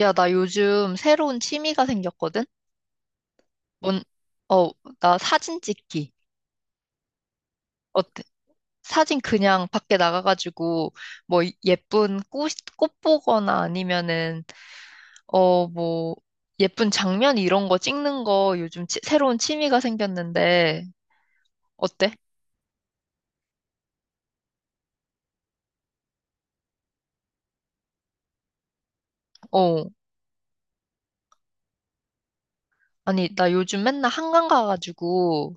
야, 나 요즘 새로운 취미가 생겼거든? 뭔, 어, 나 사진 찍기. 어때? 사진 그냥 밖에 나가가지고, 뭐, 예쁜 꽃 보거나 아니면은, 뭐, 예쁜 장면 이런 거 찍는 거 요즘 새로운 취미가 생겼는데, 어때? 어, 아니, 나 요즘 맨날 한강 가가지고,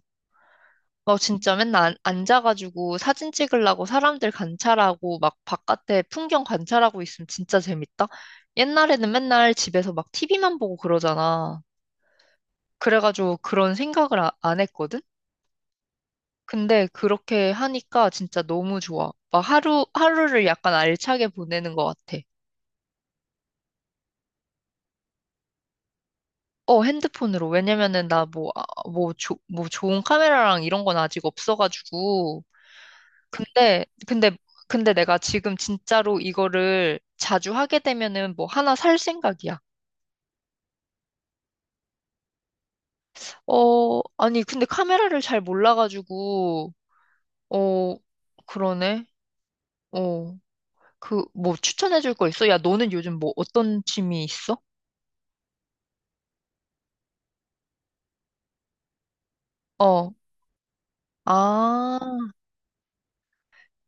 너 진짜 맨날 앉아가지고 사진 찍으려고 사람들 관찰하고 막 바깥에 풍경 관찰하고 있으면 진짜 재밌다. 옛날에는 맨날 집에서 막 TV만 보고 그러잖아. 그래가지고 그런 생각을 안 했거든? 근데 그렇게 하니까 진짜 너무 좋아. 막 하루, 하루를 약간 알차게 보내는 것 같아. 어, 핸드폰으로. 왜냐면은 나 뭐, 뭐, 뭐 좋은 카메라랑 이런 건 아직 없어가지고. 근데, 근데, 근데 내가 지금 진짜로 이거를 자주 하게 되면은 뭐 하나 살 생각이야. 어, 아니, 근데 카메라를 잘 몰라가지고, 어, 그러네. 어, 뭐 추천해줄 거 있어? 야, 너는 요즘 뭐 어떤 취미 있어? 어, 아,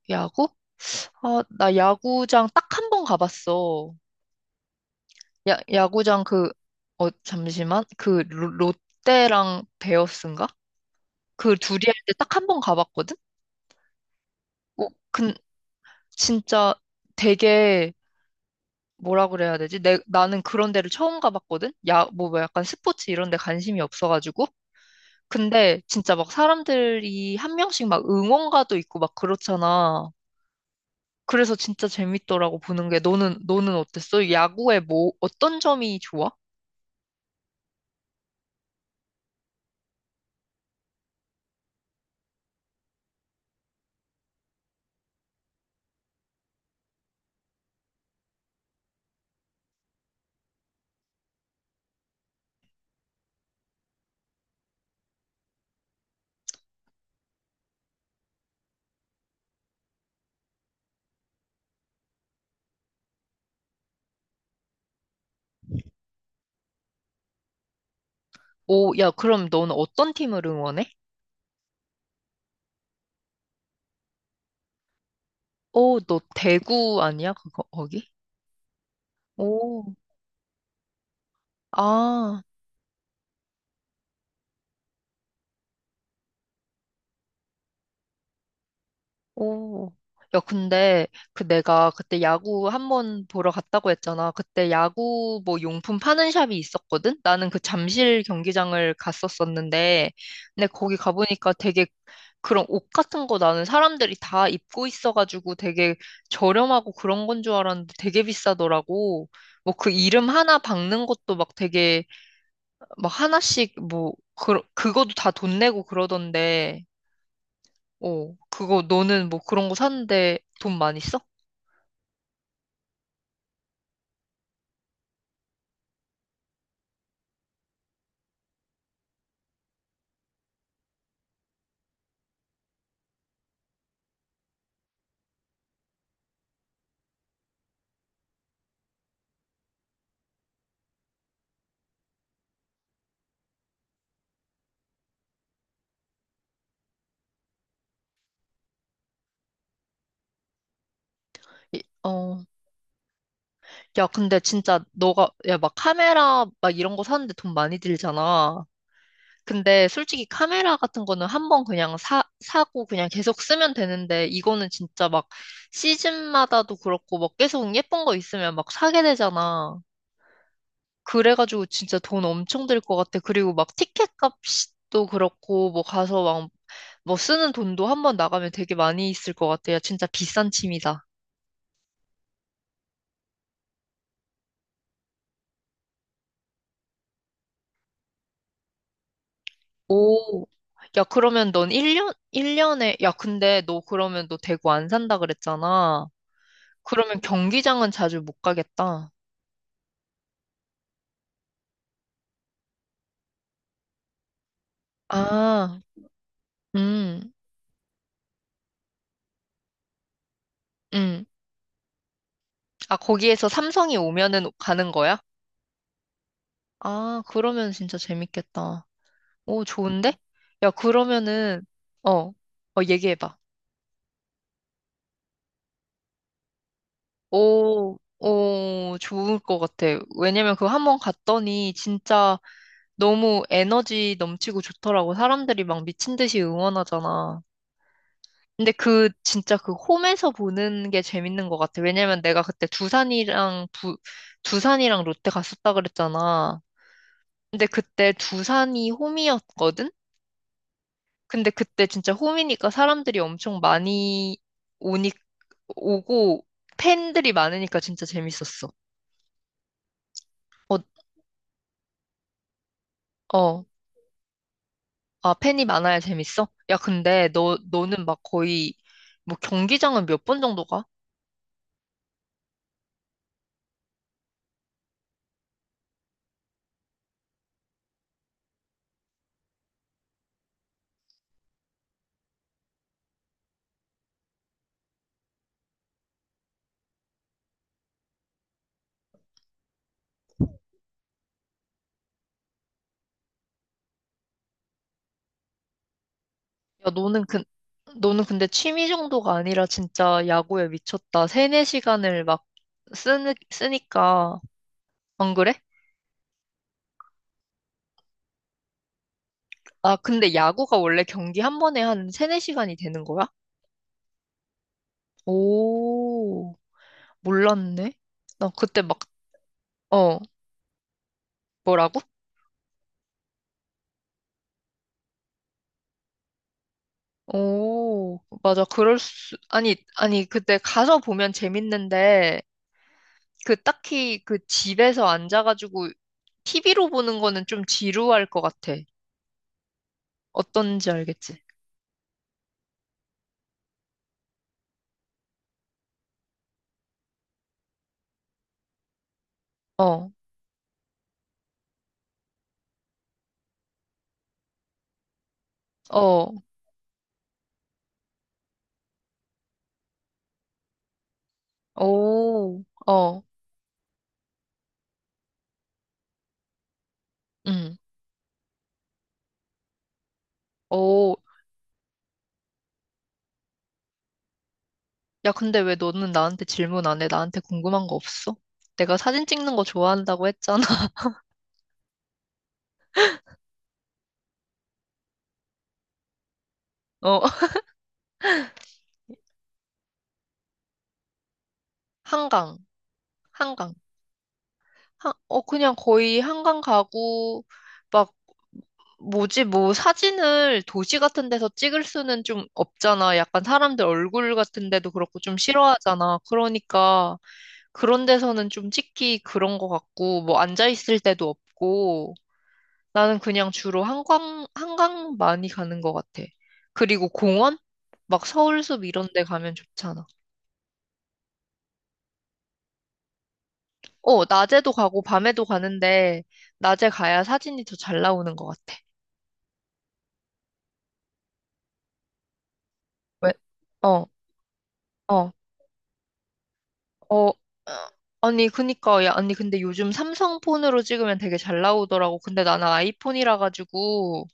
야구? 아, 나 야구장 딱 한 번 가봤어. 야, 야구장 잠시만. 롯데랑 베어스인가? 그 둘이 할 때 딱 한 번 가봤거든? 어, 근 진짜 되게 뭐라 그래야 되지? 나는 그런 데를 처음 가봤거든? 야, 뭐, 뭐 약간 스포츠 이런 데 관심이 없어가지고. 근데 진짜 막 사람들이 한 명씩 막 응원가도 있고 막 그렇잖아. 그래서 진짜 재밌더라고 보는 게. 너는 어땠어? 야구에 뭐, 어떤 점이 좋아? 오, 야, 그럼 너는 어떤 팀을 응원해? 오, 너 대구 아니야? 그거, 거기? 오, 아. 오. 야, 근데 그 내가 그때 야구 한번 보러 갔다고 했잖아. 그때 야구 뭐 용품 파는 샵이 있었거든? 나는 그 잠실 경기장을 갔었었는데, 근데 거기 가보니까 되게 그런 옷 같은 거 나는 사람들이 다 입고 있어가지고 되게 저렴하고 그런 건 줄 알았는데 되게 비싸더라고. 뭐 그 이름 하나 박는 것도 막 되게 막 하나씩 뭐 그, 그거도 다 돈 내고 그러던데. 어, 그거 너는 뭐 그런 거 사는데 돈 많이 써? 이- 어, 야, 근데 진짜 너가, 야, 막 카메라 막 이런 거 사는데 돈 많이 들잖아. 근데 솔직히 카메라 같은 거는 한 번 그냥 사고 그냥 계속 쓰면 되는데 이거는 진짜 막 시즌마다도 그렇고 막 계속 예쁜 거 있으면 막 사게 되잖아. 그래가지고 진짜 돈 엄청 들 것 같아. 그리고 막 티켓 값도 그렇고 뭐 가서 막 뭐 쓰는 돈도 한 번 나가면 되게 많이 있을 것 같아. 야, 진짜 비싼 취미다. 오, 야, 그러면 넌 1년, 일 년에 야, 근데 너 그러면 너 대구 안 산다 그랬잖아. 그러면 경기장은 자주 못 가겠다. 아, 음, 음. 아, 거기에서 삼성이 오면은 가는 거야? 아, 그러면 진짜 재밌겠다. 오, 좋은데? 야, 그러면은, 어, 어, 얘기해봐. 오, 오, 좋을 것 같아. 왜냐면 그거 한번 갔더니 진짜 너무 에너지 넘치고 좋더라고. 사람들이 막 미친 듯이 응원하잖아. 근데 그, 진짜 그 홈에서 보는 게 재밌는 것 같아. 왜냐면 내가 그때 두산이랑 롯데 갔었다 그랬잖아. 근데 그때 두산이 홈이었거든? 근데 그때 진짜 홈이니까 사람들이 엄청 많이 오니, 오고 팬들이 많으니까 진짜 재밌었어. 어, 어. 아, 팬이 많아야 재밌어? 야, 근데 너, 너는 막 거의 뭐 경기장은 몇 번 정도 가? 야, 너는 그, 너는 근데 취미 정도가 아니라 진짜 야구에 미쳤다. 세네 시간을 막 쓰니까. 안 그래? 아, 근데 야구가 원래 경기 한 번에 한 세네 시간이 되는 거야? 오, 몰랐네. 나 그때 막, 어, 뭐라고? 오, 맞아. 그럴 수, 아니, 아니, 그때 가서 보면 재밌는데, 그 딱히 그 집에서 앉아가지고 TV로 보는 거는 좀 지루할 것 같아. 어떤지 알겠지? 어. 어, 오, 어, 응, 오. 야, 근데 왜 너는 나한테 질문 안 해? 나한테 궁금한 거 없어? 내가 사진 찍는 거 좋아한다고 했잖아. 어, 한강, 한강. 그냥 거의 한강 가고, 막, 뭐지, 뭐, 사진을 도시 같은 데서 찍을 수는 좀 없잖아. 약간 사람들 얼굴 같은 데도 그렇고 좀 싫어하잖아. 그러니까, 그런 데서는 좀 찍기 그런 거 같고, 뭐, 앉아있을 때도 없고, 나는 그냥 주로 한강, 한강 많이 가는 것 같아. 그리고 공원? 막 서울숲 이런 데 가면 좋잖아. 어, 낮에도 가고 밤에도 가는데, 낮에 가야 사진이 더 잘 나오는 것 같아. 왜? 어, 어, 어. 어, 아니, 그니까, 야, 아니, 근데 요즘 삼성 폰으로 찍으면 되게 잘 나오더라고. 근데 나는 아이폰이라 가지고,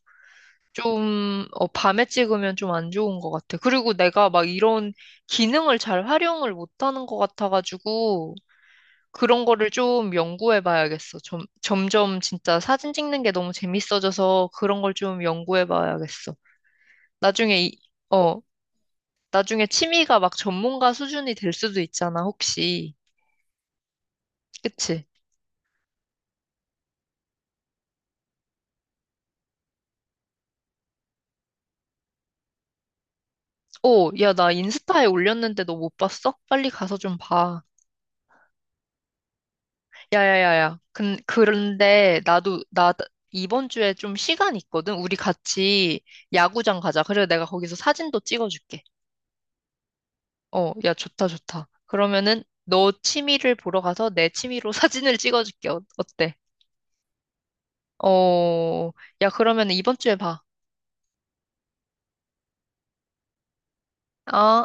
좀, 밤에 찍으면 좀 안 좋은 것 같아. 그리고 내가 막 이런 기능을 잘 활용을 못하는 것 같아가지고, 그런 거를 좀 연구해 봐야겠어. 좀, 점점 진짜 사진 찍는 게 너무 재밌어져서 그런 걸 좀 연구해 봐야겠어. 나중에, 이- 어, 나중에 취미가 막 전문가 수준이 될 수도 있잖아, 혹시. 그치? 오, 야, 나 인스타에 올렸는데 너 못 봤어? 빨리 가서 좀 봐. 야야야야. 그런데 나도, 나 이번 주에 좀 시간 있거든? 우리 같이 야구장 가자. 그래, 내가 거기서 사진도 찍어줄게. 어, 야, 좋다, 좋다. 그러면은 너 취미를 보러 가서 내 취미로 사진을 찍어줄게. 어때? 어, 야, 그러면 이번 주에 봐. 아.